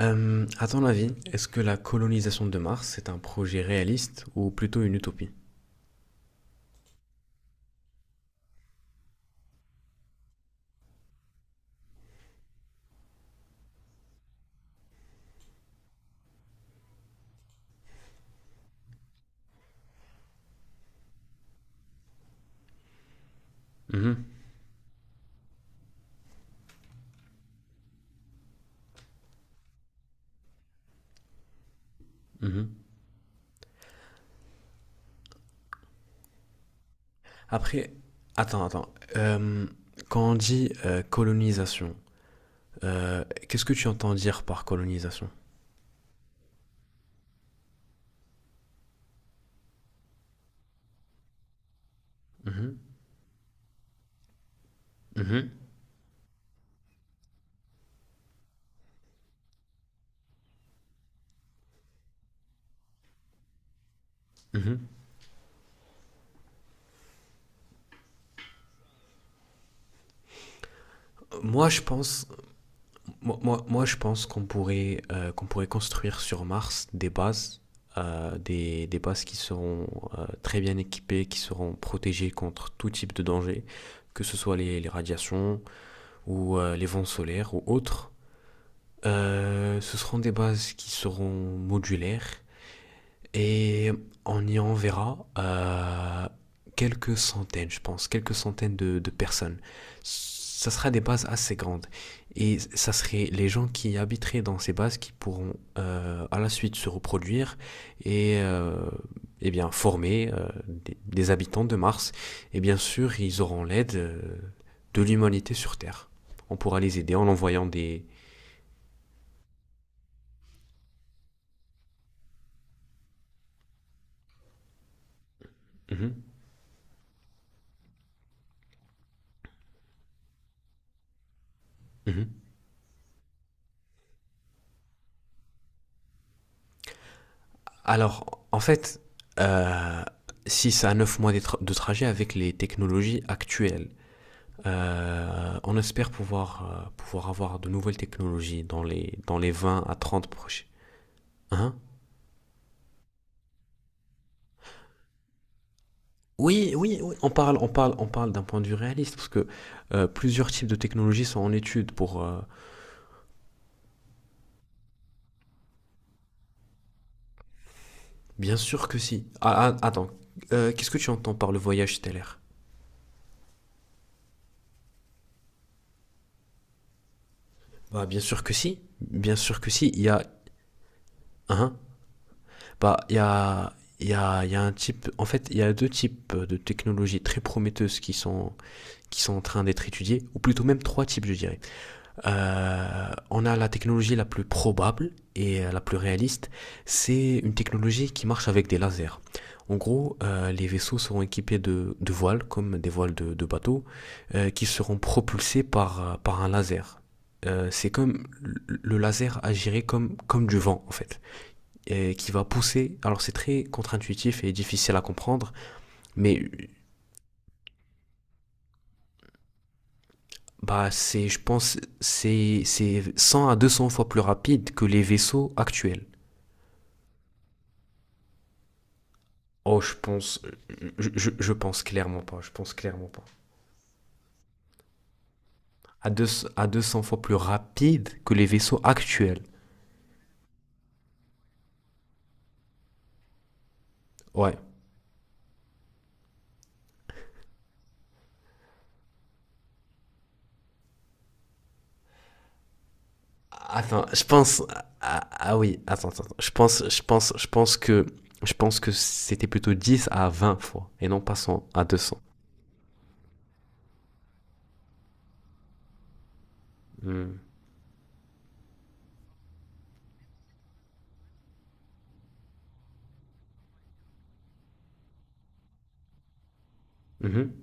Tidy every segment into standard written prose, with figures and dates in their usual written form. À ton avis, est-ce que la colonisation de Mars est un projet réaliste ou plutôt une utopie? Mhm, mhm. Après, attends, attends. Quand on dit colonisation, qu'est-ce que tu entends dire par colonisation? Mhm, mhm, mhm. Moi, je pense, moi, je pense qu'on pourrait construire sur Mars des bases qui seront très bien équipées, qui seront protégées contre tout type de danger, que ce soit les radiations, ou les vents solaires ou autres. Ce seront des bases qui seront modulaires et on y enverra quelques centaines, je pense, quelques centaines de personnes. Ça sera des bases assez grandes. Et ça serait les gens qui habiteraient dans ces bases qui pourront à la suite se reproduire et eh bien, former des habitants de Mars. Et bien sûr, ils auront l'aide de l'humanité sur Terre. On pourra les aider en envoyant des. Mhm, mhm. Alors, en fait, euh, 6 à 9 mois de trajet avec les technologies actuelles. On espère pouvoir avoir de nouvelles technologies dans les 20 à 30 prochains. Hein, oui, oui, oui, on parle d'un point de vue réaliste parce que plusieurs types de technologies sont en étude pour. Bien sûr que si. Ah, attends, qu'est-ce que tu entends par le voyage stellaire? Bah, bien sûr que si. Bien sûr que si. Il y a. Hein. Bah, il y a, il y a, il y a un type. En fait, il y a deux types de technologies très prometteuses qui sont en train d'être étudiées, ou plutôt même trois types, je dirais. On a la technologie la plus probable et la plus réaliste. C'est une technologie qui marche avec des lasers. En gros, les vaisseaux seront équipés de voiles, comme des voiles de bateaux, qui seront propulsés par un laser. C'est comme le laser agirait comme du vent, en fait, et qui va pousser. Alors c'est très contre-intuitif et difficile à comprendre, mais bah, je pense, c'est 100 à 200 fois plus rapide que les vaisseaux actuels. Oh, je pense, je pense clairement pas, je pense clairement pas. À, deux, à 200 fois plus rapide que les vaisseaux actuels. Ouais. Attends, ah, oui, attends, attends, attends. Je pense, je pense, je pense que c'était plutôt 10 à 20 fois et non pas 100 à 200. Hmm. Mhm.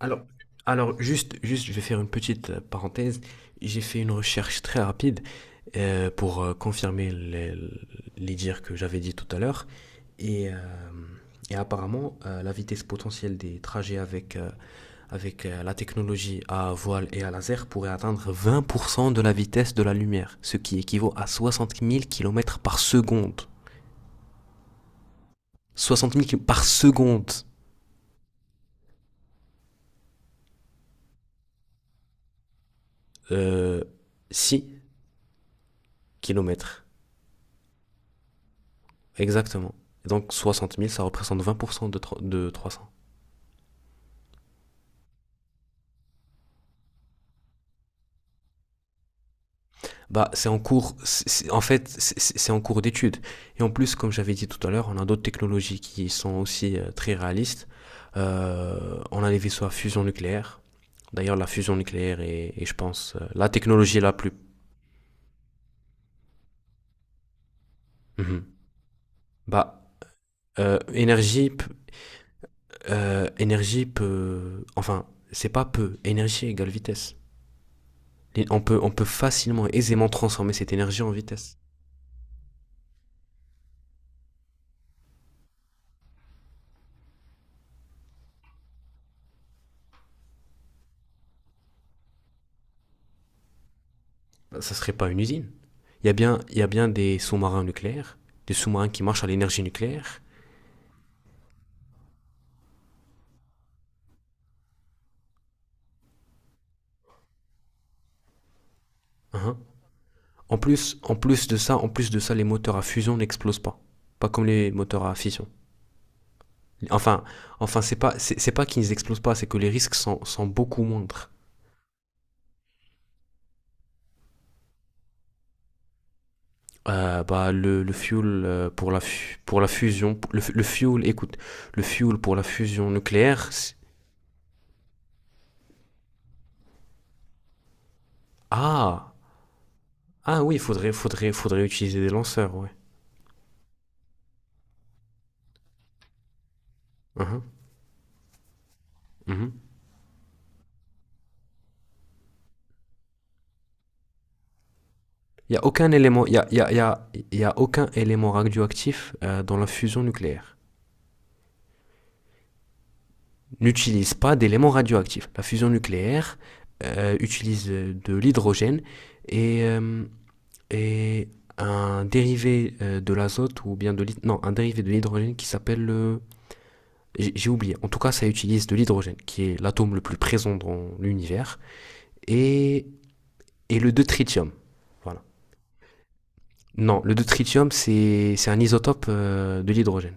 Alors, alors, juste, je vais faire une petite parenthèse. J'ai fait une recherche très rapide pour confirmer les dires que j'avais dit tout à l'heure. Et, euh, et, apparemment, la vitesse potentielle des trajets avec la technologie à voile et à laser pourrait atteindre 20% de la vitesse de la lumière, ce qui équivaut à 60 000 kilomètres par seconde. 60 000 km par seconde. Euh, 6 km. Exactement. Donc 60 000, ça représente 20% de 300. Bah, c'est en cours, en fait, c'est en cours d'étude. Et en plus, comme j'avais dit tout à l'heure, on a d'autres technologies qui sont aussi très réalistes. On a les vaisseaux à fusion nucléaire. D'ailleurs, la fusion nucléaire est, je pense, la technologie la plus. Mhm. Bah, euh, énergie, énergie peut, enfin, c'est pas peu. Énergie égale vitesse. On peut facilement, aisément transformer cette énergie en vitesse. Bah, ça serait pas une usine. Il y a bien des sous-marins nucléaires, des sous-marins qui marchent à l'énergie nucléaire. Hein. En plus de ça, en plus de ça, les moteurs à fusion n'explosent pas, pas comme les moteurs à fission. Enfin, enfin, c'est pas qu'ils n'explosent pas, c'est que les risques sont beaucoup moindres. Bah, le fuel pour la fusion, le fuel, écoute, le fuel pour la fusion nucléaire. Ah, oui, faudrait utiliser des lanceurs, ouais. Mhm, mhm. Il n'y a aucun élément, il y a, il y a- il y a- y a aucun élément radioactif dans la fusion nucléaire. N'utilise pas d'éléments radioactifs. La fusion nucléaire utilise de l'hydrogène et, euh, et, un dérivé de l'azote ou bien non, un dérivé de l'hydrogène qui s'appelle le. J'ai oublié. En tout cas, ça utilise de l'hydrogène qui est l'atome le plus présent dans l'univers et le deutérium. Voilà. Non, le deutérium c'est un isotope de l'hydrogène.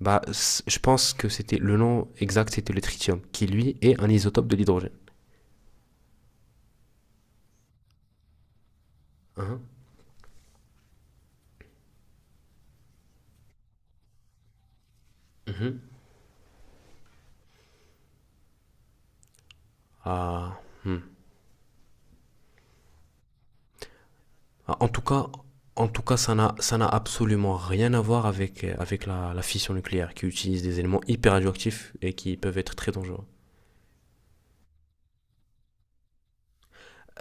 Bah, je pense que c'était le nom exact, c'était le tritium, qui lui est un isotope de l'hydrogène. Hein. Mhm. Ah, hmm. Ah, en tout cas, ça n'a absolument rien à voir avec, avec la fission nucléaire, qui utilise des éléments hyper radioactifs et qui peuvent être très dangereux.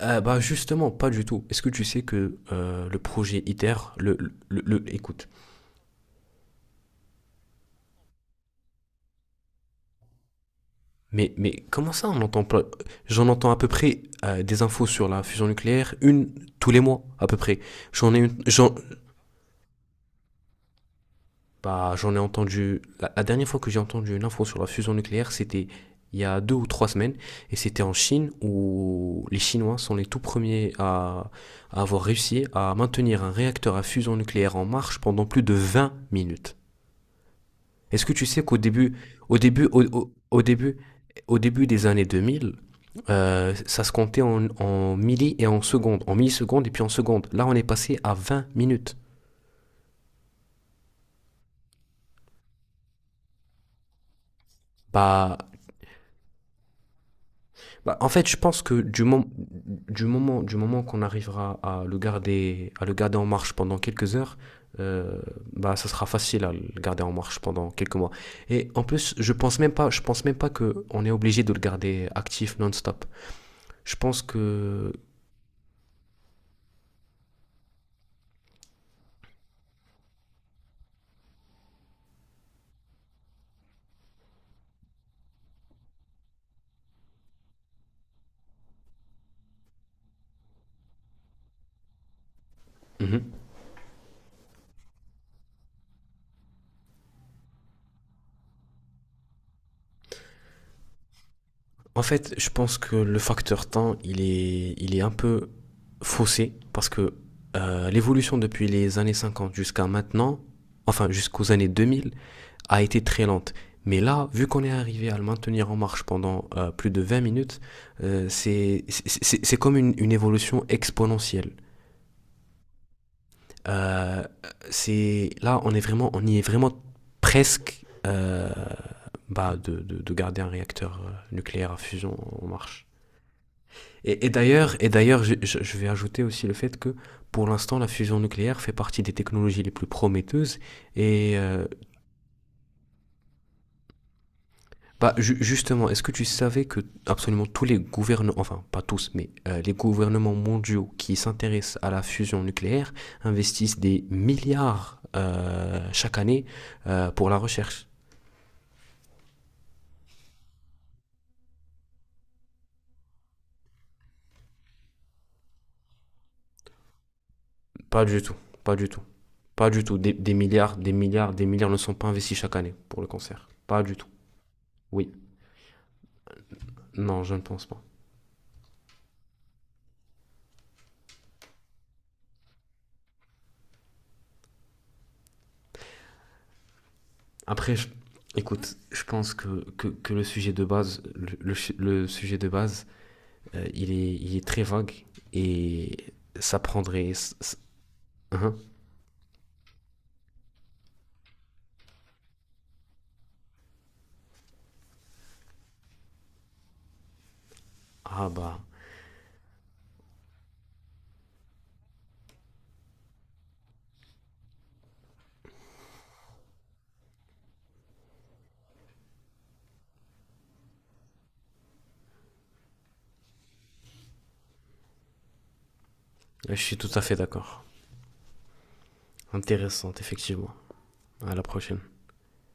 Bah justement, pas du tout. Est-ce que tu sais que le projet ITER, écoute, mais comment ça on entend pas? J'en entends à peu près des infos sur la fusion nucléaire, une tous les mois à peu près. J'en ai une. Bah, j'en ai entendu. La dernière fois que j'ai entendu une info sur la fusion nucléaire, c'était il y a 2 ou 3 semaines, et c'était en Chine où les Chinois sont les tout premiers à, avoir réussi à maintenir un réacteur à fusion nucléaire en marche pendant plus de 20 minutes. Est-ce que tu sais qu'au début, au, au- au début des années 2000, ça se comptait en milli et en secondes, en millisecondes et puis en secondes. Là, on est passé à 20 minutes. Bah, Bah, en fait, je pense que du moment qu'on arrivera à le garder en marche pendant quelques heures, euh, bah, ça sera facile à le garder en marche pendant quelques mois. Et en plus, je pense même pas que on est obligé de le garder actif non-stop. Je pense que. Mhm. En fait, je pense que le facteur temps, il est un peu faussé parce que l'évolution depuis les années 50 jusqu'à maintenant, enfin jusqu'aux années 2000, a été très lente. Mais là, vu qu'on est arrivé à le maintenir en marche pendant plus de 20 minutes, c'est comme une évolution exponentielle. Euh, c'est là, on y est vraiment presque bah, de garder un réacteur nucléaire à fusion en marche. Et d'ailleurs, je vais ajouter aussi le fait que pour l'instant, la fusion nucléaire fait partie des technologies les plus prometteuses et euh, Bah, justement, est-ce que tu savais que absolument tous les gouvernements, enfin pas tous, mais les gouvernements mondiaux qui s'intéressent à la fusion nucléaire investissent des milliards chaque année pour la recherche? Pas du tout, pas du tout, pas du tout. Des milliards, des milliards, des milliards ne sont pas investis chaque année pour le cancer. Pas du tout. Oui, non, je ne pense pas. Après, écoute, je pense que le sujet de base, le sujet de base, il est très vague et ça prendrait. Hein. Ah bah, je suis tout à fait d'accord. Intéressante, effectivement. À la prochaine.